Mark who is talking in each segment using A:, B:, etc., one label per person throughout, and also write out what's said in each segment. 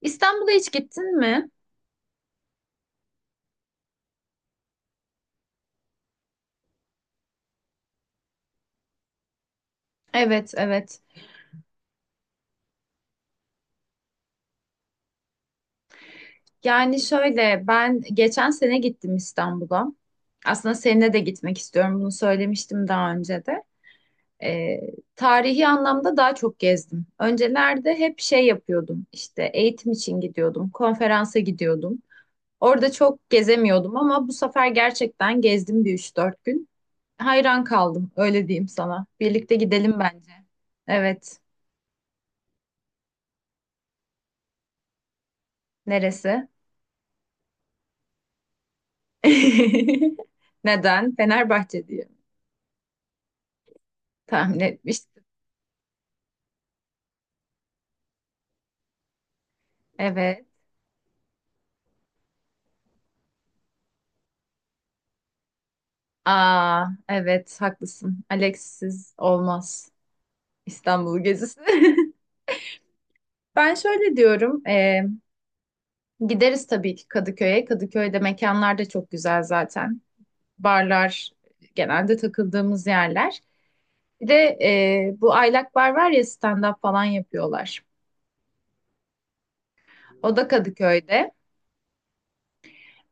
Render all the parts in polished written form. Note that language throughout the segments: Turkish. A: İstanbul'a hiç gittin mi? Evet, evet. Yani şöyle ben geçen sene gittim İstanbul'a. Aslında seninle de gitmek istiyorum. Bunu söylemiştim daha önce de. Ee, Tarihi anlamda daha çok gezdim. Öncelerde hep şey yapıyordum. İşte eğitim için gidiyordum, konferansa gidiyordum. Orada çok gezemiyordum ama bu sefer gerçekten gezdim bir üç dört gün. Hayran kaldım, öyle diyeyim sana. Birlikte gidelim bence. Evet. Neresi? Neden? Fenerbahçe diye tahmin etmiştim. Evet. Aa, evet haklısın. Alex'siz olmaz İstanbul gezisi. Ben şöyle diyorum. Gideriz tabii ki Kadıköy'e. Kadıköy'de mekanlar da çok güzel zaten. Barlar genelde takıldığımız yerler. Bir de bu Aylak Bar var ya stand-up falan yapıyorlar. O da Kadıköy'de.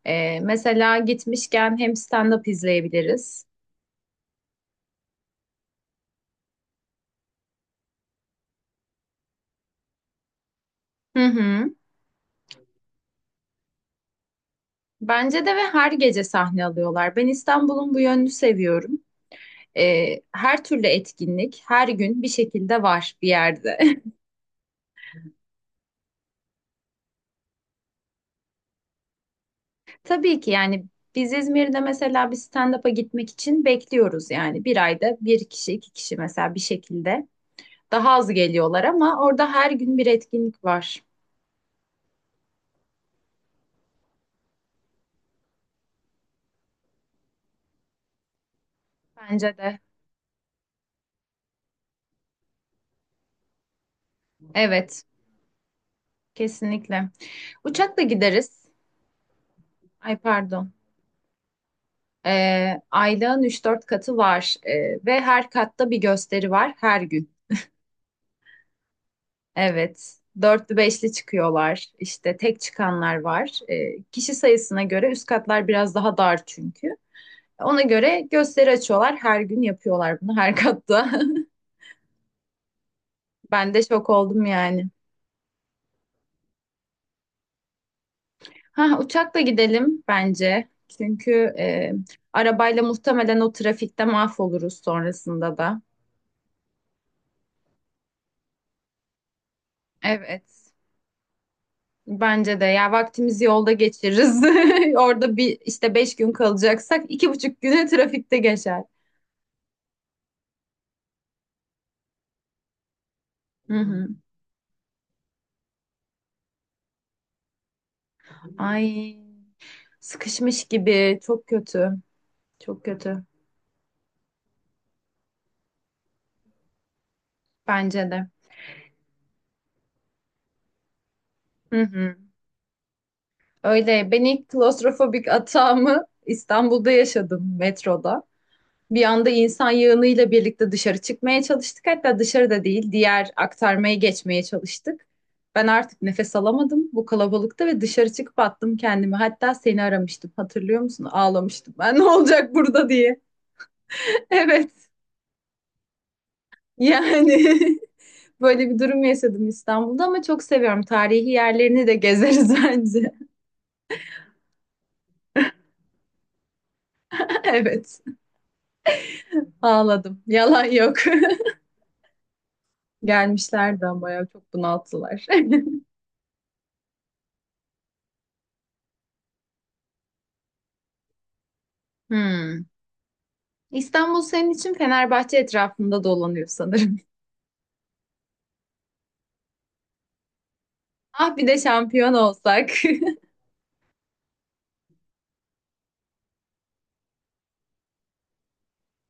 A: E, mesela gitmişken hem stand-up izleyebiliriz. Hı hı. Bence de ve her gece sahne alıyorlar. Ben İstanbul'un bu yönünü seviyorum. Her türlü etkinlik her gün bir şekilde var bir yerde. Tabii ki yani biz İzmir'de mesela bir stand-up'a gitmek için bekliyoruz yani. Bir ayda bir kişi, iki kişi mesela bir şekilde daha az geliyorlar ama orada her gün bir etkinlik var. Bence de. Evet, kesinlikle. Uçakla gideriz. Ay, pardon. Aylığın 3-4 katı var. Ve her katta bir gösteri var her gün. Evet. Dörtlü beşli çıkıyorlar. İşte tek çıkanlar var. Kişi sayısına göre üst katlar biraz daha dar çünkü. Ona göre gösteri açıyorlar. Her gün yapıyorlar bunu her katta. Ben de şok oldum yani. Ha, uçakla gidelim bence. Çünkü e, arabayla muhtemelen o trafikte mahvoluruz sonrasında da. Evet. Bence de ya vaktimizi yolda geçiririz. Orada bir işte beş gün kalacaksak iki buçuk güne trafikte geçer. Hı hı. Ay, sıkışmış gibi. Çok kötü. Çok kötü. Bence de. Hı hı. Öyle. Ben ilk klostrofobik atağımı İstanbul'da yaşadım metroda. Bir anda insan yığınıyla birlikte dışarı çıkmaya çalıştık. Hatta dışarıda değil, diğer aktarmaya geçmeye çalıştık. Ben artık nefes alamadım bu kalabalıkta ve dışarı çıkıp attım kendimi. Hatta seni aramıştım. Hatırlıyor musun? Ağlamıştım ben. Ne olacak burada diye. Evet. Yani böyle bir durum yaşadım İstanbul'da ama çok seviyorum. Tarihi yerlerini de gezeriz bence. Evet, ağladım. Yalan yok. Gelmişlerdi ama ya çok bunalttılar. Hmm. İstanbul senin için Fenerbahçe etrafında dolanıyor sanırım. Ah, bir de şampiyon olsak.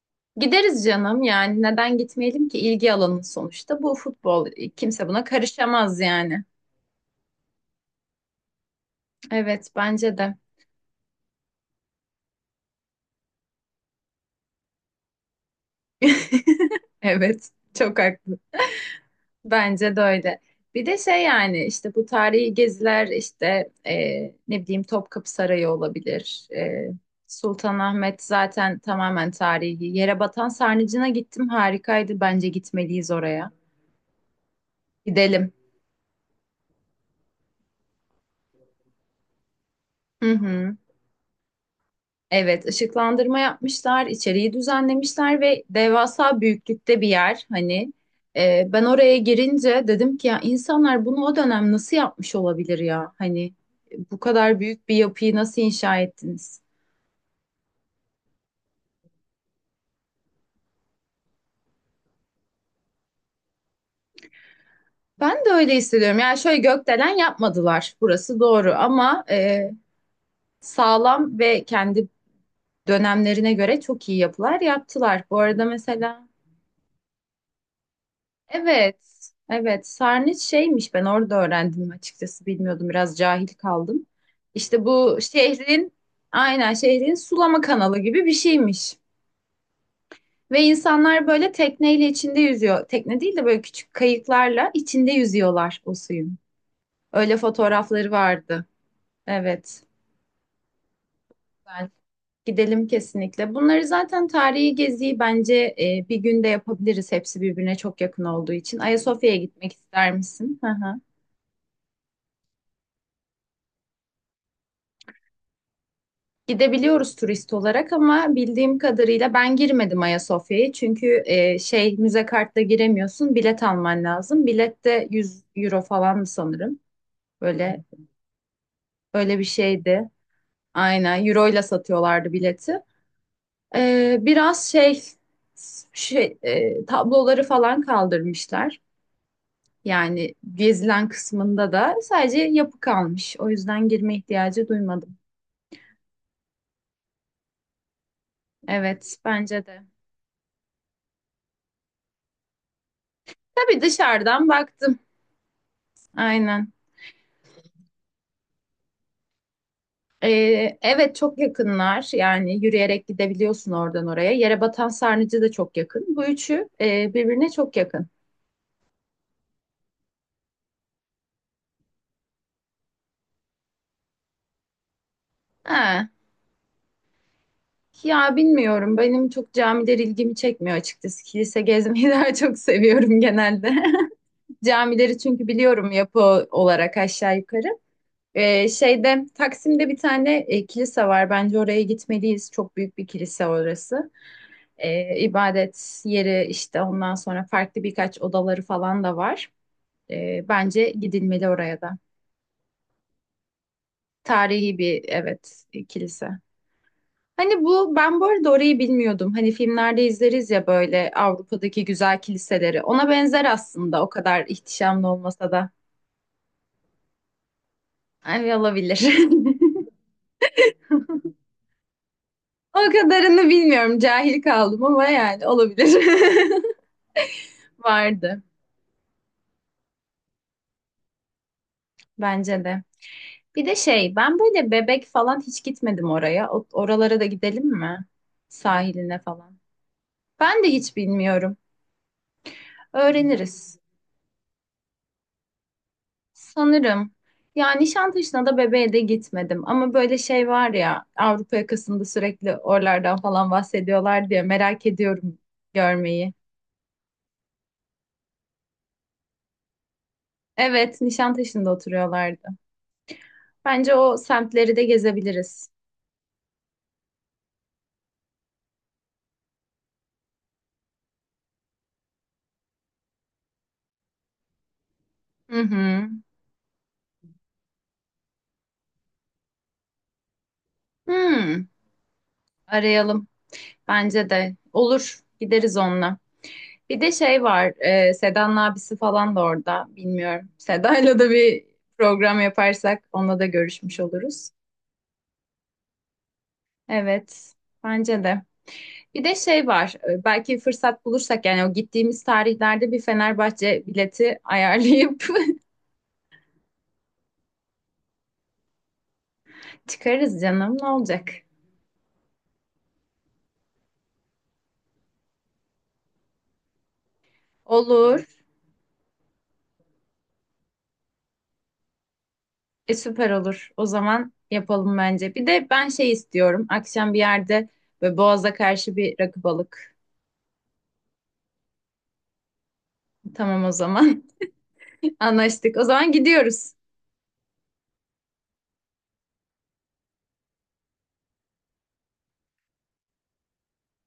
A: Gideriz canım, yani neden gitmeyelim ki? İlgi alanın sonuçta bu futbol, kimse buna karışamaz yani. Evet, bence de. Evet, çok haklı. Bence de öyle. Bir de şey, yani işte bu tarihi geziler işte, ne bileyim, Topkapı Sarayı olabilir. Sultanahmet zaten tamamen tarihi. Yerebatan Sarnıcı'na gittim, harikaydı. Bence gitmeliyiz oraya. Gidelim. Hı hı. Evet, ışıklandırma yapmışlar, içeriği düzenlemişler ve devasa büyüklükte bir yer. Hani ben oraya girince dedim ki ya, insanlar bunu o dönem nasıl yapmış olabilir ya? Hani bu kadar büyük bir yapıyı nasıl inşa ettiniz? Ben de öyle hissediyorum. Yani şöyle, gökdelen yapmadılar. Burası doğru, ama sağlam ve kendi dönemlerine göre çok iyi yapılar yaptılar. Bu arada mesela evet, evet. Sarnıç şeymiş, ben orada öğrendim açıkçası, bilmiyordum, biraz cahil kaldım. İşte bu şehrin, aynen şehrin sulama kanalı gibi bir şeymiş. Ve insanlar böyle tekneyle içinde yüzüyor. Tekne değil de böyle küçük kayıklarla içinde yüzüyorlar o suyun. Öyle fotoğrafları vardı. Evet. Ben gidelim kesinlikle. Bunları zaten, tarihi geziyi bence bir günde yapabiliriz. Hepsi birbirine çok yakın olduğu için. Ayasofya'ya gitmek ister misin? Gidebiliyoruz turist olarak ama bildiğim kadarıyla ben girmedim Ayasofya'ya. Çünkü şey, müze kartla giremiyorsun, bilet alman lazım. Bilet de 100 euro falan mı sanırım. Böyle öyle bir şeydi. Aynen euro ile satıyorlardı bileti. Biraz şey, şey, tabloları falan kaldırmışlar. Yani gezilen kısmında da sadece yapı kalmış. O yüzden girme ihtiyacı duymadım. Evet, bence de. Tabii, dışarıdan baktım. Aynen. Evet, çok yakınlar yani, yürüyerek gidebiliyorsun oradan oraya. Yerebatan Sarnıcı da çok yakın. Bu üçü birbirine çok yakın. Ha, ya bilmiyorum, benim çok camiler ilgimi çekmiyor açıkçası. Kilise gezmeyi daha çok seviyorum genelde. Camileri çünkü biliyorum, yapı olarak aşağı yukarı. Şeyde, Taksim'de bir tane kilise var. Bence oraya gitmeliyiz. Çok büyük bir kilise orası. İbadet yeri işte, ondan sonra farklı birkaç odaları falan da var. Bence gidilmeli oraya da. Tarihi bir, evet, kilise. Hani bu, ben bu arada orayı bilmiyordum. Hani filmlerde izleriz ya böyle Avrupa'daki güzel kiliseleri. Ona benzer aslında, o kadar ihtişamlı olmasa da. Hani olabilir. O kadarını bilmiyorum. Cahil kaldım ama yani olabilir. Vardı bence de. Bir de şey, ben böyle Bebek falan hiç gitmedim oraya. Oralara da gidelim mi? Sahiline falan. Ben de hiç bilmiyorum. Öğreniriz. Sanırım. Yani Nişantaşı'na da bebeğe de gitmedim. Ama böyle şey var ya, Avrupa yakasında sürekli oralardan falan bahsediyorlar diye merak ediyorum görmeyi. Evet, Nişantaşı'nda oturuyorlardı. Bence o semtleri de gezebiliriz. Hı hı. Hmm, arayalım. Bence de. Olur. Gideriz onunla. Bir de şey var. E, Seda'nın abisi falan da orada. Bilmiyorum. Seda'yla da bir program yaparsak onunla da görüşmüş oluruz. Evet. Bence de. Bir de şey var, belki fırsat bulursak, yani o gittiğimiz tarihlerde bir Fenerbahçe bileti ayarlayıp çıkarız canım, ne olacak? Olur, süper olur. O zaman yapalım bence. Bir de ben şey istiyorum, akşam bir yerde böyle Boğaz'a karşı bir rakı balık. Tamam o zaman, anlaştık. O zaman gidiyoruz.